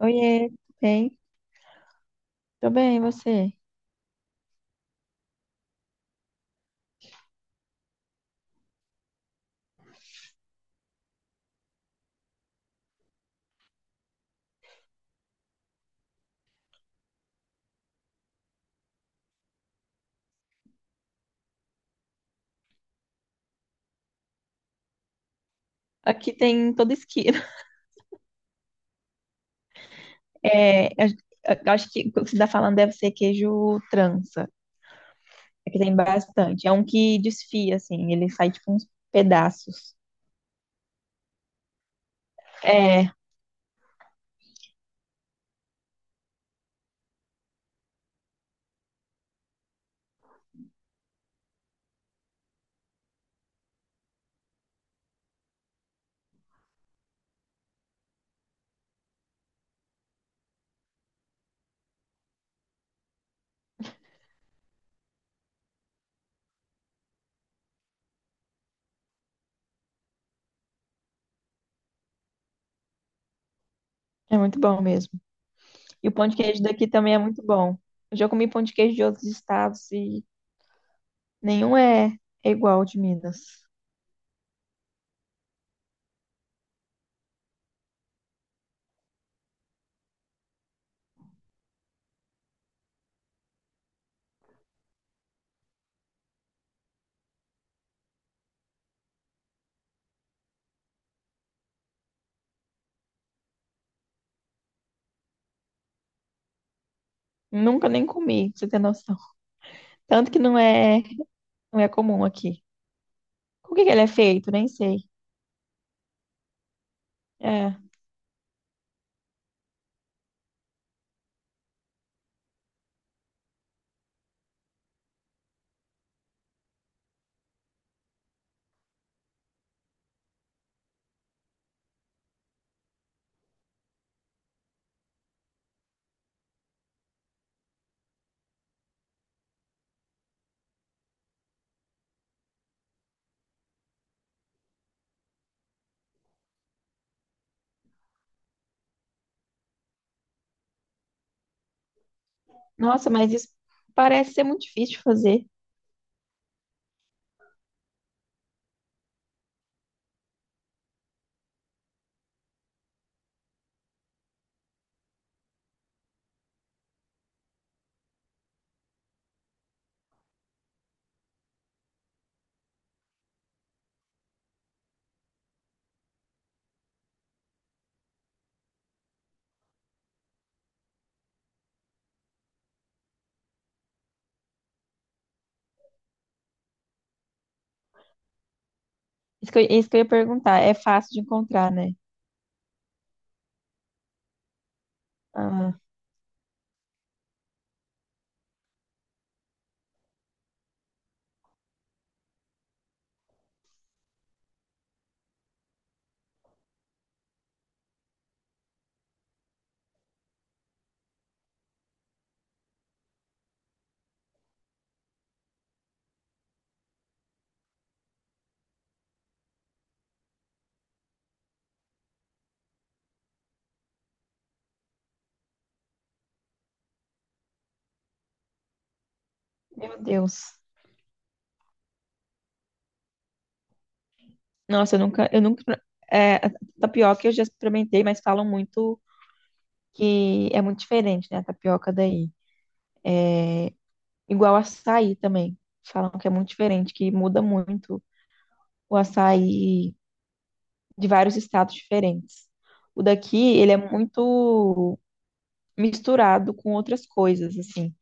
Oiê, tudo bem? Tô bem, e você? Aqui tem em toda esquina. É, eu, eu acho que o que você está falando deve ser queijo trança. Aqui tem bastante. É um que desfia, assim, ele sai tipo uns pedaços. É, é muito bom mesmo. E o pão de queijo daqui também é muito bom. Eu já comi pão de queijo de outros estados e nenhum é, é igual ao de Minas. Nunca nem comi, pra você ter noção. Tanto que não é comum aqui. Com o que que ele é feito? Nem sei. É. Nossa, mas isso parece ser muito difícil de fazer. Isso que eu ia perguntar. É fácil de encontrar, né? Ah, meu Deus. Nossa, eu nunca. A tapioca eu já experimentei, mas falam muito que é muito diferente, né? A tapioca daí. Igual açaí também. Falam que é muito diferente, que muda muito o açaí de vários estados diferentes. O daqui, ele é muito misturado com outras coisas, assim.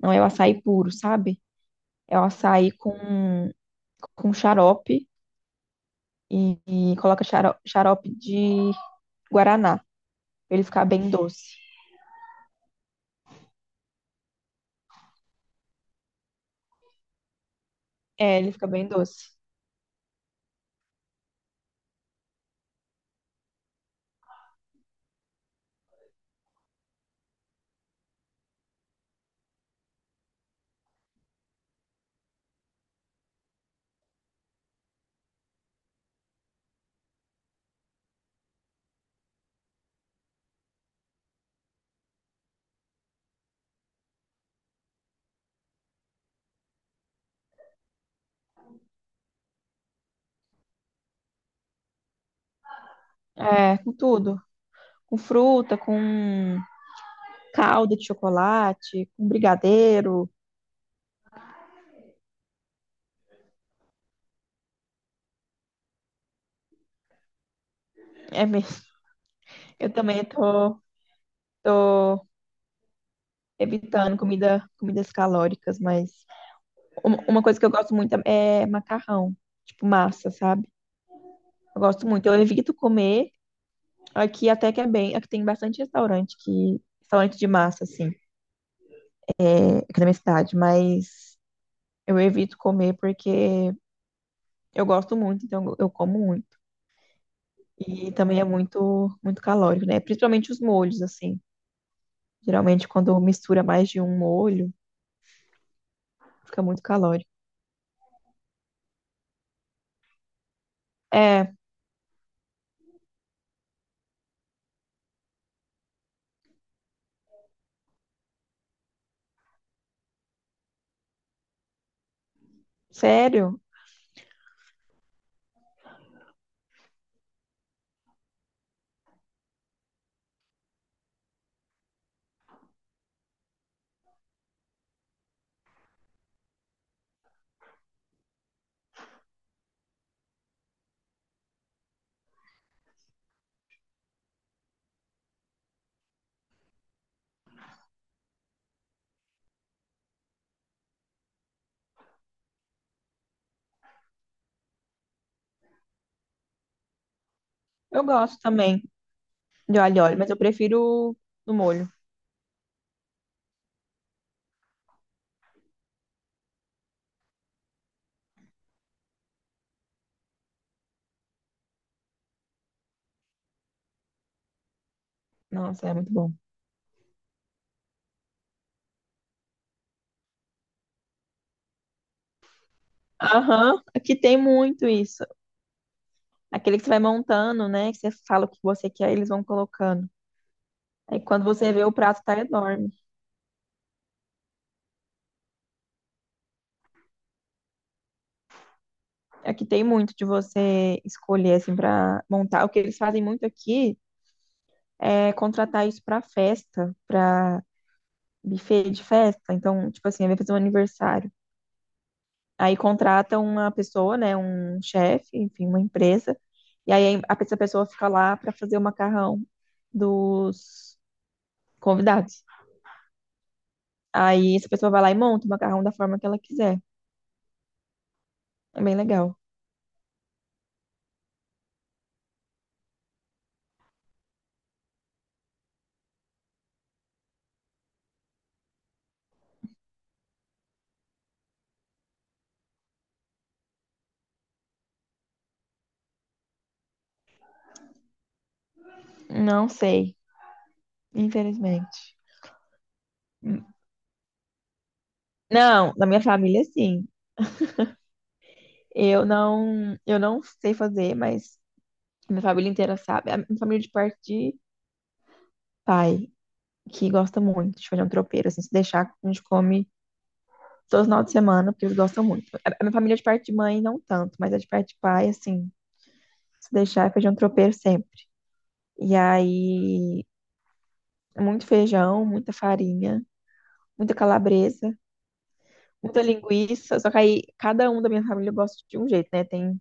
Não é o açaí puro, sabe? É o açaí com xarope e coloca xarope de guaraná, pra ele ficar bem doce. É, ele fica bem doce. É, com tudo. Com fruta, com calda de chocolate, com brigadeiro. É mesmo. Eu também tô evitando comida, comidas calóricas, mas uma coisa que eu gosto muito é macarrão, tipo massa, sabe? Eu gosto muito. Eu evito comer aqui até que é bem, aqui tem bastante restaurante que restaurante de massa assim, é, aqui na minha cidade, mas eu evito comer porque eu gosto muito, então eu como muito. E também é muito, muito calórico, né? Principalmente os molhos, assim. Geralmente, quando mistura mais de um molho, fica muito calórico. É, sério? Eu gosto também de alho e óleo, mas eu prefiro no molho. Nossa, é muito bom. Aham, aqui tem muito isso. Aquele que você vai montando, né? Que você fala o que você quer, eles vão colocando. Aí quando você vê, o prato tá enorme. Aqui tem muito de você escolher, assim, para montar. O que eles fazem muito aqui é contratar isso para festa, para buffet de festa. Então, tipo assim, vai fazer um aniversário. Aí contrata uma pessoa, né, um chefe, enfim, uma empresa. Essa pessoa fica lá para fazer o macarrão dos convidados. Aí essa pessoa vai lá e monta o macarrão da forma que ela quiser. É bem legal. Não sei, infelizmente. Não, na minha família, sim. Eu não sei fazer, mas minha família inteira sabe. A minha família é de parte de pai, que gosta muito de fazer um tropeiro, assim, se deixar, a gente come todo final de semana, porque eles gostam muito. A minha família é de parte de mãe, não tanto, mas a de parte de pai, assim, se deixar, é feijão tropeiro sempre. E aí, muito feijão, muita farinha, muita calabresa, muita linguiça. Só que aí, cada um da minha família gosta de um jeito, né? Tem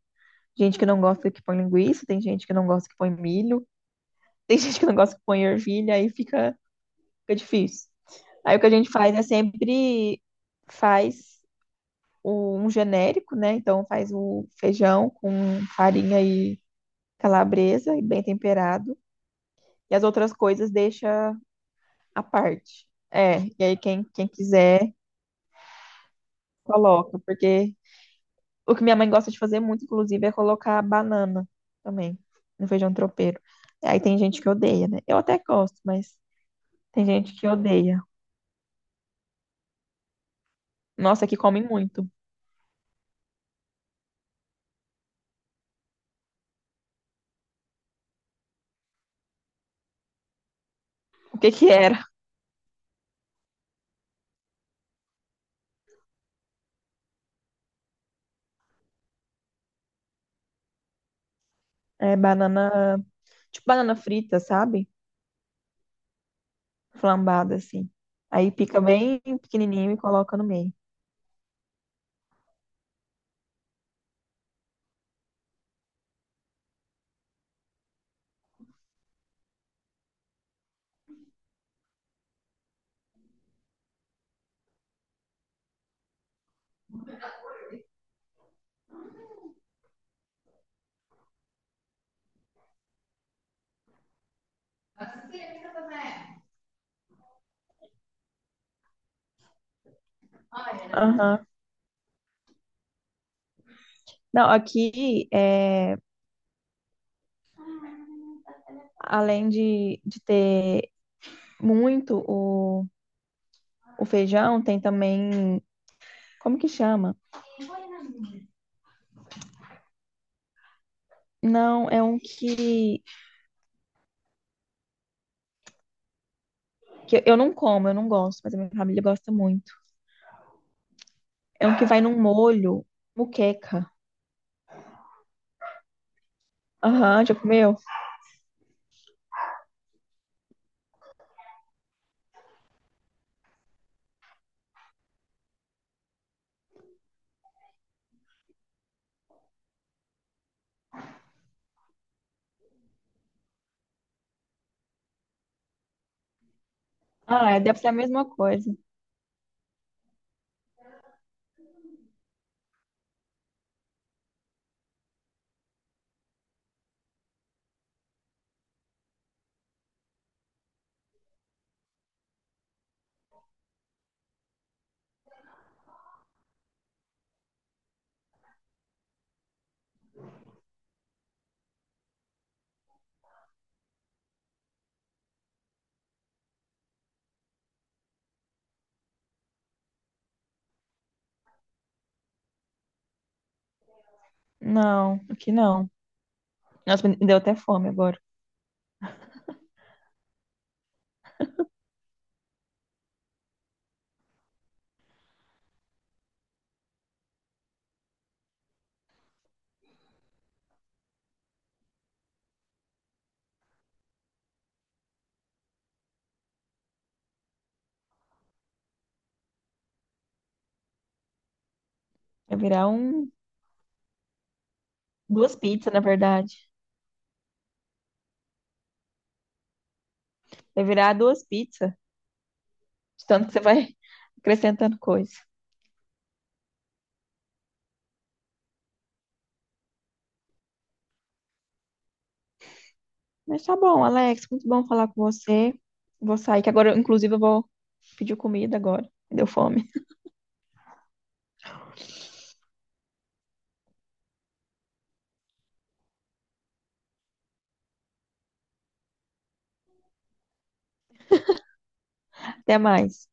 gente que não gosta que põe linguiça, tem gente que não gosta que põe milho. Tem gente que não gosta que põe ervilha, fica difícil. Aí o que a gente faz é sempre faz um genérico, né? Então faz o feijão com farinha e calabresa e bem temperado. E as outras coisas deixa à parte. É, e aí quem quiser coloca, porque o que minha mãe gosta de fazer muito, inclusive, é colocar banana também no feijão tropeiro. Aí tem gente que odeia, né? Eu até gosto, mas tem gente que odeia. Nossa, que come muito. O que que era? É banana, tipo banana frita, sabe? Flambada, assim. Aí pica bem pequenininho e coloca no meio. Aham. Não, aqui, é, além de ter muito o feijão, tem também. Como que chama? Não, é um que eu não como, eu não gosto, mas a minha família gosta muito. É um que vai num molho, muqueca. Aham, já comeu? Ah, é, deve ser a mesma coisa. Não, aqui não. Nossa, me deu até fome agora. Vai virar um, duas pizzas, na verdade. Vai virar duas pizzas, de tanto que você vai acrescentando coisa. Mas tá bom, Alex, muito bom falar com você. Vou sair, que agora, inclusive, eu vou pedir comida agora. Deu fome. Até mais.